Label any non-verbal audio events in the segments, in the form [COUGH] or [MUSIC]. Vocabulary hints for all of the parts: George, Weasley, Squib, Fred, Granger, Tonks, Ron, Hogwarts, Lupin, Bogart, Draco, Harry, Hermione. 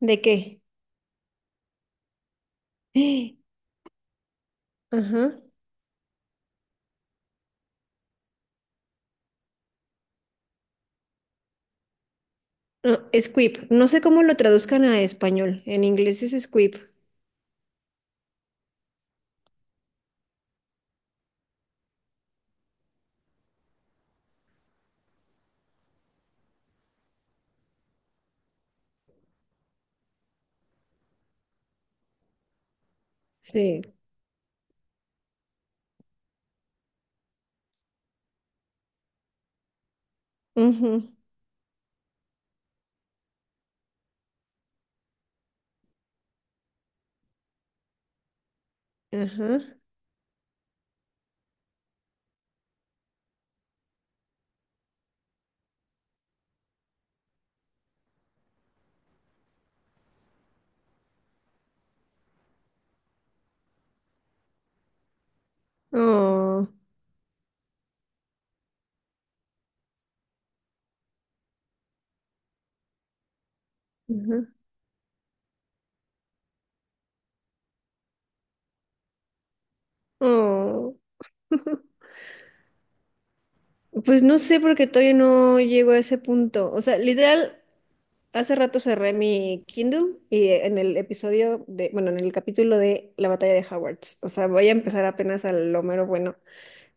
¿De qué? Ajá. No, Squib. No sé cómo lo traduzcan a español. En inglés es Squib. Sí. Ujú. Ajá. Oh. Ajá. Oh. Pues no sé porque todavía no llego a ese punto. O sea, literal, hace rato cerré mi Kindle y en el episodio de, bueno, en el capítulo de la batalla de Hogwarts. O sea, voy a empezar apenas al lo mero bueno.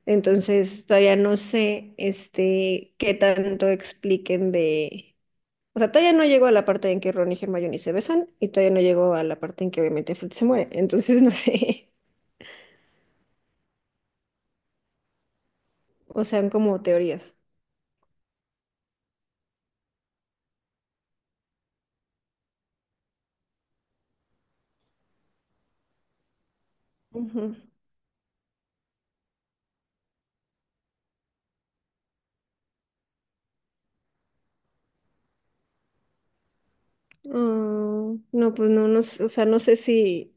Entonces, todavía no sé, este, qué tanto expliquen de... O sea, todavía no llegó a la parte en que Ron y Hermione se besan y todavía no llegó a la parte en que obviamente Fred se muere. Entonces, no sé. [LAUGHS] O sea, como teorías. Ujú. Ah, no, pues no, sé, o sea, no sé si,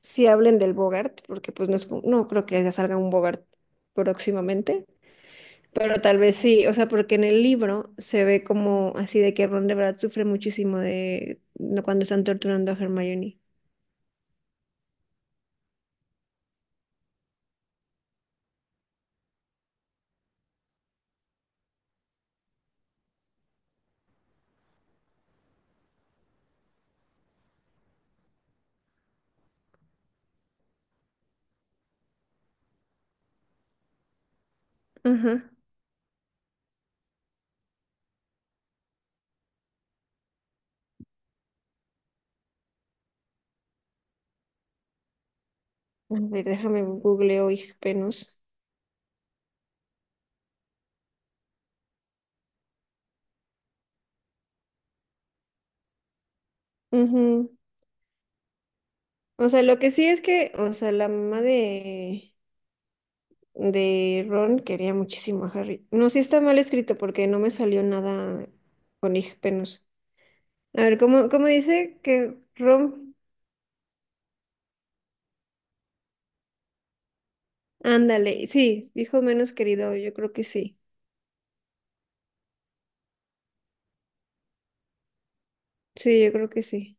si hablen del Bogart, porque pues no es, como... no creo que ya salga un Bogart próximamente, pero tal vez sí, o sea, porque en el libro se ve como así de que Ron de verdad sufre muchísimo de no, cuando están torturando a Hermione. Ajá. A ver, déjame googleo, hija, penos. O sea, lo que sí es que, o sea, la mamá de Ron quería muchísimo a Harry. No, sí está mal escrito porque no me salió nada con hijpenos. A ver, ¿ cómo dice que Ron? Ándale, sí, hijo menos querido, yo creo que sí. Sí, yo creo que sí.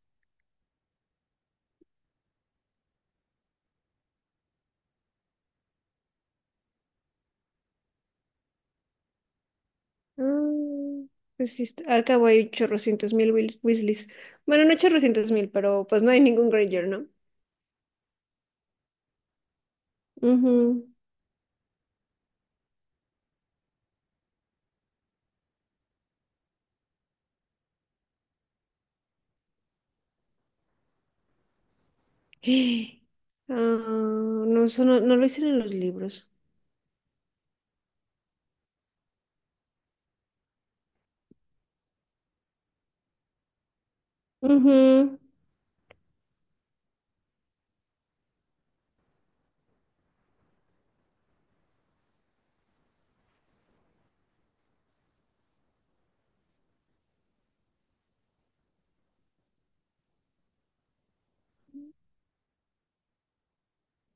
Ah, pues sí, está... al cabo hay chorrocientos mil Wil- Weasleys. Bueno, no chorrocientos mil, pero pues no hay ningún Granger, ¿no? Ujú. [GASPS] Ah, no, eso no, no lo hicieron en los libros. Ujú.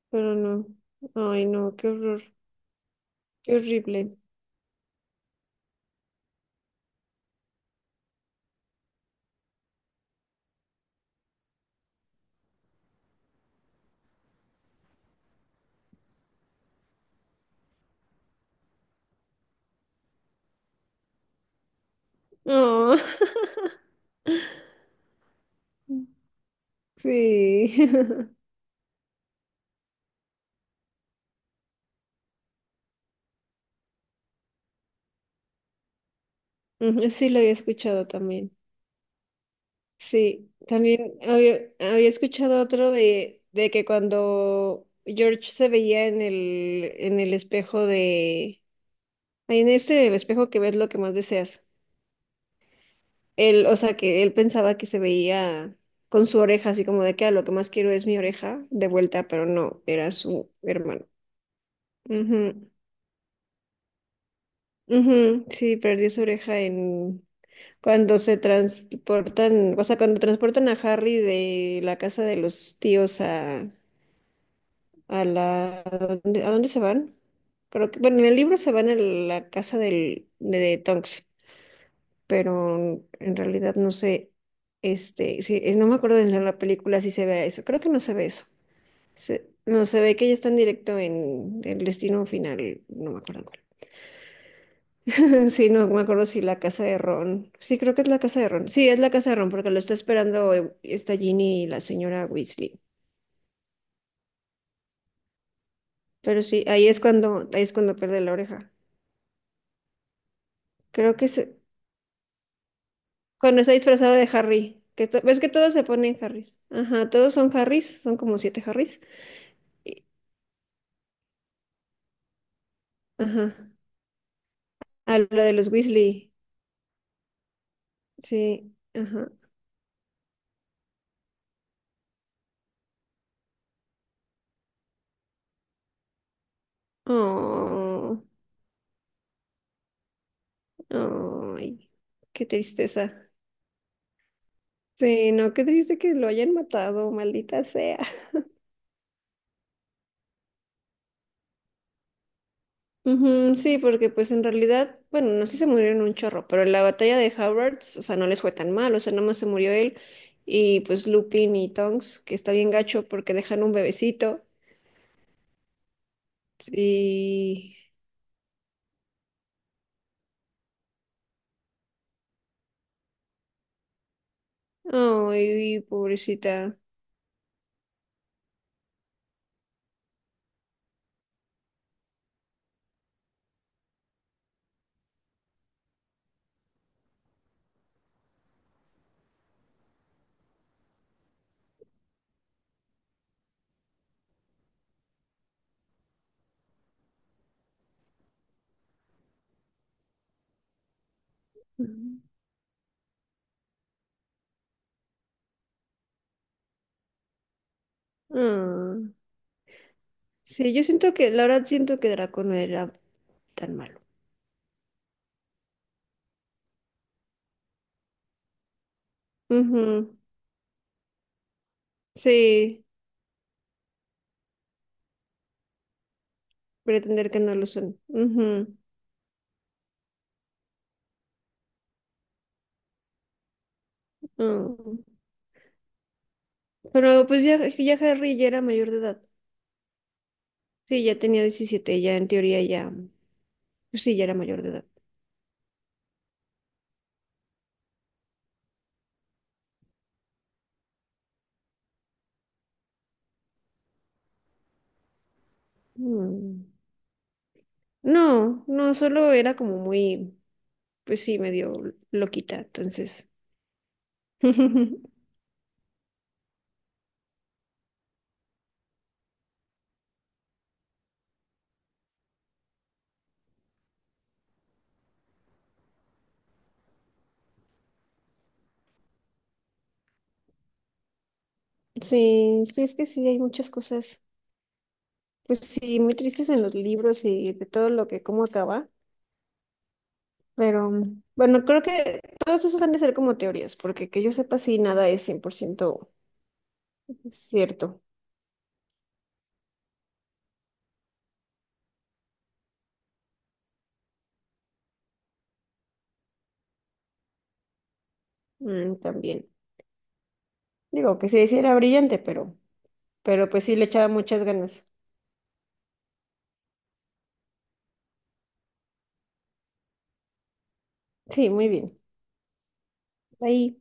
Pero no. Ay, no, qué horror. Qué horrible. Oh, [LAUGHS] sí. [LAUGHS] Ujú, sí, lo había escuchado también. Sí, también había escuchado otro de que cuando George se veía en el espejo de... Ay, en este, el espejo que ves lo que más deseas. Él, o sea, que él pensaba que se veía con su oreja, así como de que "Ah, lo que más quiero es mi oreja de vuelta", pero no, era su hermano. Ujú. Ujú, sí, perdió su oreja en... cuando se transportan, o sea, cuando transportan a Harry de la casa de los tíos a la, a dónde se van? Creo que, bueno, en el libro se van a la casa del, de, Tonks, pero en realidad no sé, este, sí, no me acuerdo de la película si se ve eso, creo que no se ve eso. Se- no, se ve que ya están directo en el destino final, no me acuerdo. Sí, no me acuerdo si la casa de Ron. Sí, creo que es la casa de Ron. Sí, es la casa de Ron porque lo está esperando esta Ginny y la señora Weasley. Pero sí, ahí es cuando pierde la oreja. Creo que es cuando está disfrazado de Harry. Que to- ves que todos se ponen Harrys. Ajá, todos son Harrys, son como siete Harrys. Y- Ajá. A lo de los Weasley. Sí, ajá. Oh, ay, qué tristeza. Sí, no, qué triste que lo hayan matado, maldita sea. Ujú, sí, porque pues en realidad, bueno, no sé si se murieron un chorro, pero en la batalla de Howards, o sea, no les fue tan mal, o sea, nomás se murió él y pues Lupin y Tonks, que está bien gacho porque dejan un bebecito y... Ay, pobrecita. Ujú. Ah, sí, yo siento que, la verdad siento que Draco no era tan malo. Ujú, sí, pretender que no lo son. Ujú, ah. Pero pues ya, ya Harry ya era mayor de edad. Sí, ya tenía 17, ya en teoría ya, pues sí, ya era mayor de edad. Mm. No, no, solo era como muy, pues sí, medio loquita, entonces. [LAUGHS] Sí, sí, es que sí, hay muchas cosas, pues sí, muy tristes en los libros y de todo lo que, cómo acaba, pero mm, bueno, creo que todos esos han de ser como teorías, porque que yo sepa, sí, nada es 100% cierto. Mm, también. Digo, que sí, sí era brillante, pero pues sí le echaba muchas ganas. Sí, muy bien. Ahí.